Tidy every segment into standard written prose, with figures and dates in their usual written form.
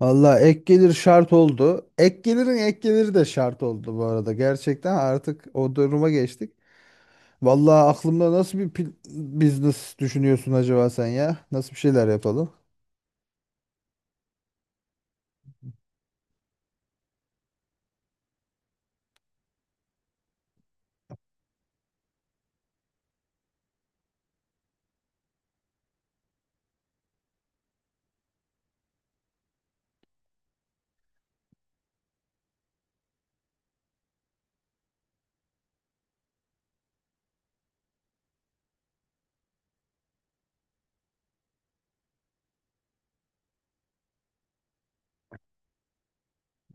Valla ek gelir şart oldu. Ek gelirin ek geliri de şart oldu bu arada. Gerçekten artık o duruma geçtik. Valla aklımda nasıl bir business düşünüyorsun acaba sen ya? Nasıl bir şeyler yapalım?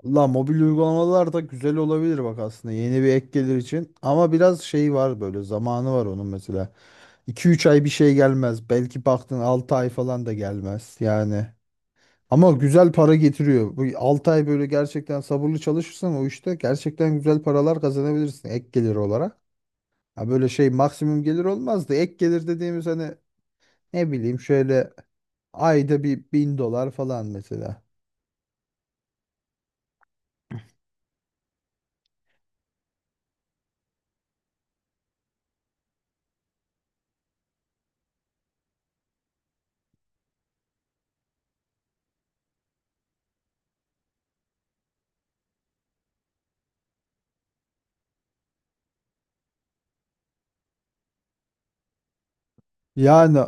Valla mobil uygulamalar da güzel olabilir bak aslında yeni bir ek gelir için. Ama biraz şey var böyle zamanı var onun mesela. 2 üç ay bir şey gelmez. Belki baktın 6 ay falan da gelmez yani. Ama güzel para getiriyor. Bu 6 ay böyle gerçekten sabırlı çalışırsan o işte gerçekten güzel paralar kazanabilirsin ek gelir olarak. Ha, böyle şey maksimum gelir olmaz da ek gelir dediğimiz hani ne bileyim şöyle ayda bir 1.000 dolar falan mesela. Yani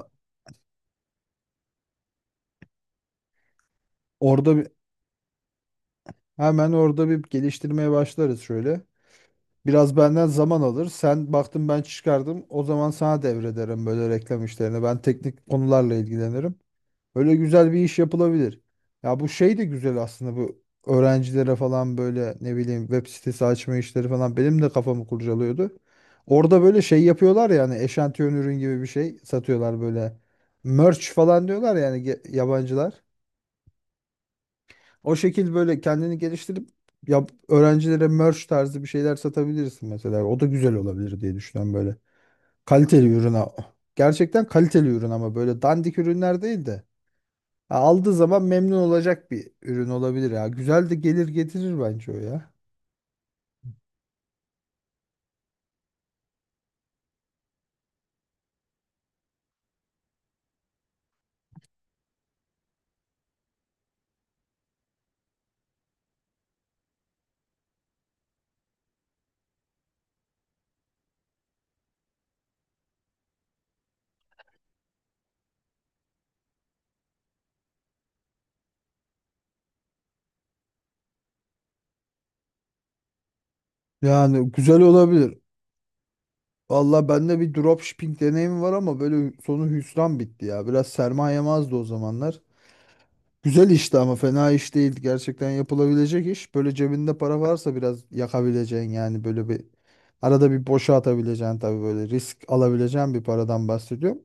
orada bir- hemen orada bir geliştirmeye başlarız şöyle. Biraz benden zaman alır. Sen baktın ben çıkardım. O zaman sana devrederim böyle reklam işlerini. Ben teknik konularla ilgilenirim. Öyle güzel bir iş yapılabilir. Ya, bu şey de güzel aslında bu öğrencilere falan böyle ne bileyim web sitesi açma işleri falan benim de kafamı kurcalıyordu. Orada böyle şey yapıyorlar yani eşantiyon ürün gibi bir şey satıyorlar böyle. Merch falan diyorlar yani yabancılar. O şekil böyle kendini geliştirip ya öğrencilere merch tarzı bir şeyler satabilirsin mesela. O da güzel olabilir diye düşünüyorum böyle. Kaliteli ürün. Gerçekten kaliteli ürün ama böyle dandik ürünler değil de. Ya aldığı zaman memnun olacak bir ürün olabilir ya. Güzel de gelir getirir bence o ya. Yani güzel olabilir. Valla bende bir dropshipping deneyimi var ama böyle sonu hüsran bitti ya. Biraz sermayem azdı o zamanlar. Güzel işti ama fena iş değil. Gerçekten yapılabilecek iş. Böyle cebinde para varsa biraz yakabileceğin yani böyle bir arada bir boşa atabileceğin tabii böyle risk alabileceğin bir paradan bahsediyorum.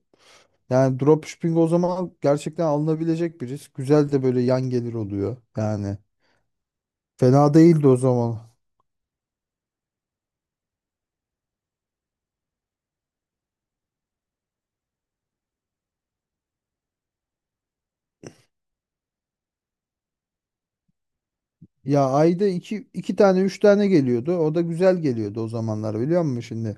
Yani dropshipping o zaman gerçekten alınabilecek bir risk. Güzel de böyle yan gelir oluyor yani. Fena değildi o zaman. Ya ayda iki tane üç tane geliyordu. O da güzel geliyordu o zamanlar biliyor musun şimdi?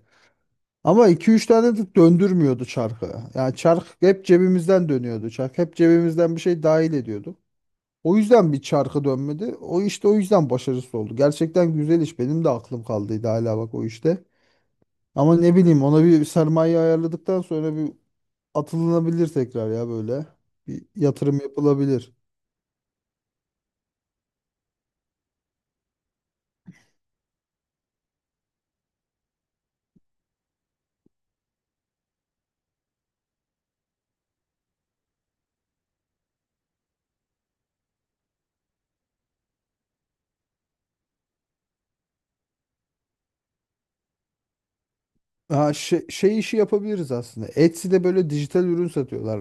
Ama iki üç tane de döndürmüyordu çarkı. Yani çark hep cebimizden dönüyordu. Çark hep cebimizden bir şey dahil ediyordu. O yüzden bir çarkı dönmedi. O işte o yüzden başarısız oldu. Gerçekten güzel iş. Benim de aklım kaldıydı hala bak o işte. Ama ne bileyim ona bir sermaye ayarladıktan sonra bir atılınabilir tekrar ya böyle. Bir yatırım yapılabilir. Ha, şey işi yapabiliriz aslında. Etsy'de böyle dijital ürün satıyorlar.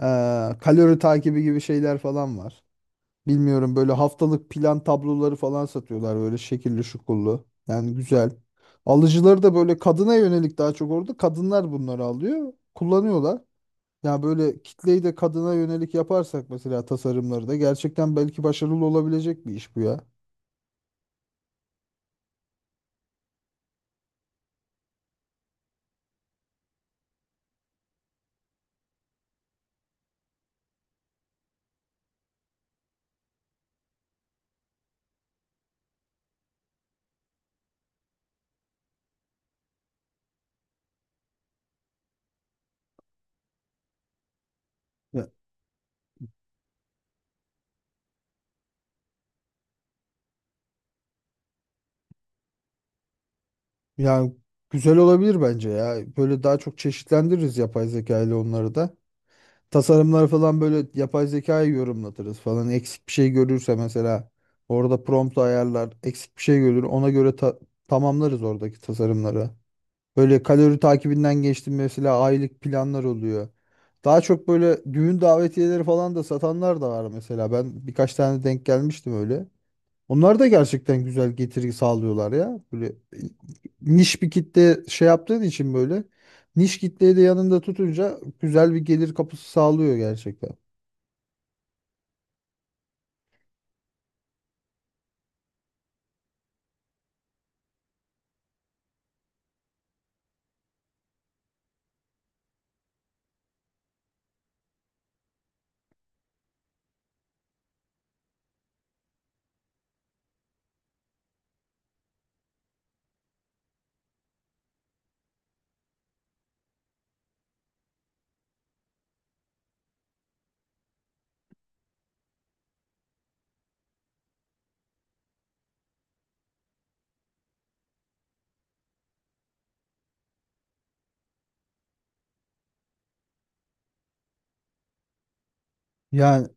Kalori takibi gibi şeyler falan var. Bilmiyorum böyle haftalık plan tabloları falan satıyorlar böyle şekilli şukullu. Yani güzel. Alıcıları da böyle kadına yönelik daha çok orada. Kadınlar bunları alıyor, kullanıyorlar. Yani böyle kitleyi de kadına yönelik yaparsak mesela tasarımları da gerçekten belki başarılı olabilecek bir iş bu ya. Ya- Yani güzel olabilir bence ya. Böyle daha çok çeşitlendiririz yapay zeka ile onları da. Tasarımları falan böyle yapay zekayı yorumlatırız falan. Eksik bir şey görürse mesela orada prompt ayarlar, eksik bir şey görür ona göre tamamlarız oradaki tasarımları. Böyle kalori takibinden geçtim mesela aylık planlar oluyor. Daha çok böyle düğün davetiyeleri falan da satanlar da var mesela. Ben birkaç tane denk gelmiştim öyle. Onlar da gerçekten güzel getiri sağlıyorlar ya. Böyle niş bir kitle şey yaptığın için böyle niş kitleyi de yanında tutunca güzel bir gelir kapısı sağlıyor gerçekten. Yani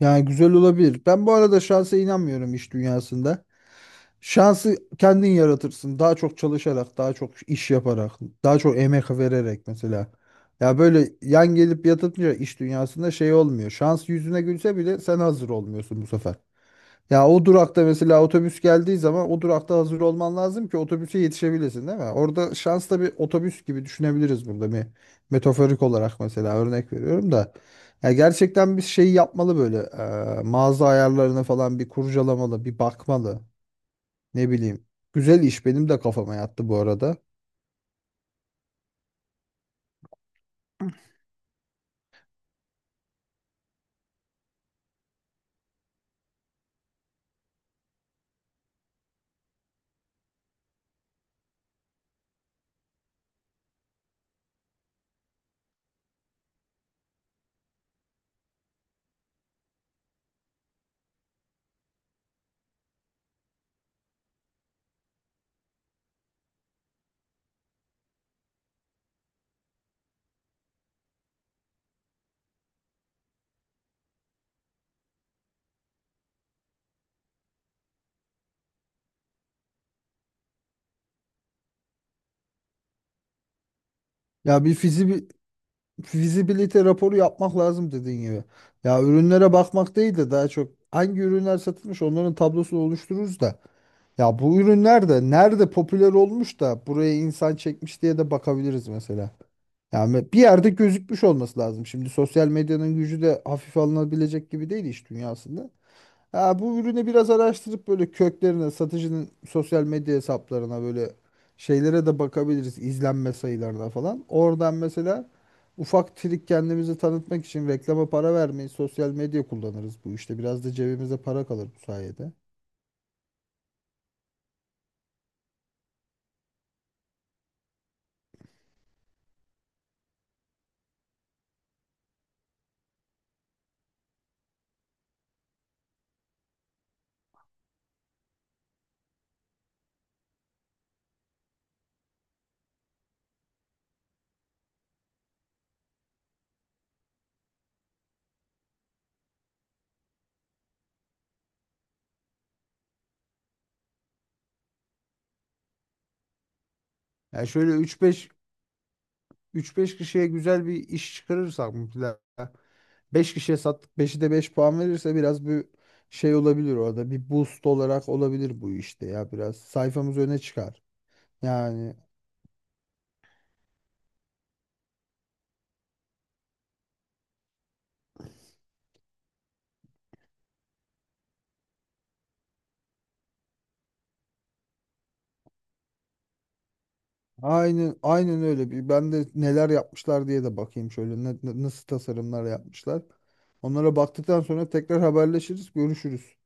yani güzel olabilir. Ben bu arada şansa inanmıyorum iş dünyasında. Şansı kendin yaratırsın. Daha çok çalışarak, daha çok iş yaparak, daha çok emek vererek mesela. Ya böyle yan gelip yatınca iş dünyasında şey olmuyor. Şans yüzüne gülse bile sen hazır olmuyorsun bu sefer. Ya o durakta mesela otobüs geldiği zaman o durakta hazır olman lazım ki otobüse yetişebilesin değil mi? Orada şans da bir otobüs gibi düşünebiliriz burada bir metaforik olarak mesela örnek veriyorum da. Ya gerçekten bir şey yapmalı böyle mağaza ayarlarını falan bir kurcalamalı bir bakmalı ne bileyim. Güzel iş benim de kafama yattı bu arada. Ya bir fizibi Visibility raporu yapmak lazım dediğin gibi. Ya ürünlere bakmak değil de daha çok hangi ürünler satılmış onların tablosunu oluştururuz da. Ya bu ürünler de nerede popüler olmuş da buraya insan çekmiş diye de bakabiliriz mesela. Yani bir yerde gözükmüş olması lazım. Şimdi sosyal medyanın gücü de hafife alınabilecek gibi değil iş dünyasında. Ha, bu ürünü biraz araştırıp böyle köklerine, satıcının sosyal medya hesaplarına böyle şeylere de bakabiliriz. İzlenme sayılarına falan. Oradan mesela ufak trik kendimizi tanıtmak için reklama para vermeyi sosyal medya kullanırız bu işte. Biraz da cebimize para kalır bu sayede. Yani şöyle üç beş kişiye güzel bir iş çıkarırsak mesela beş kişiye sattık 5'i de 5 puan verirse biraz bir şey olabilir orada. Bir boost olarak olabilir bu işte ya biraz sayfamız öne çıkar. Yani aynen aynen öyle. Bir ben de neler yapmışlar diye de bakayım şöyle nasıl tasarımlar yapmışlar. Onlara baktıktan sonra tekrar haberleşiriz, görüşürüz.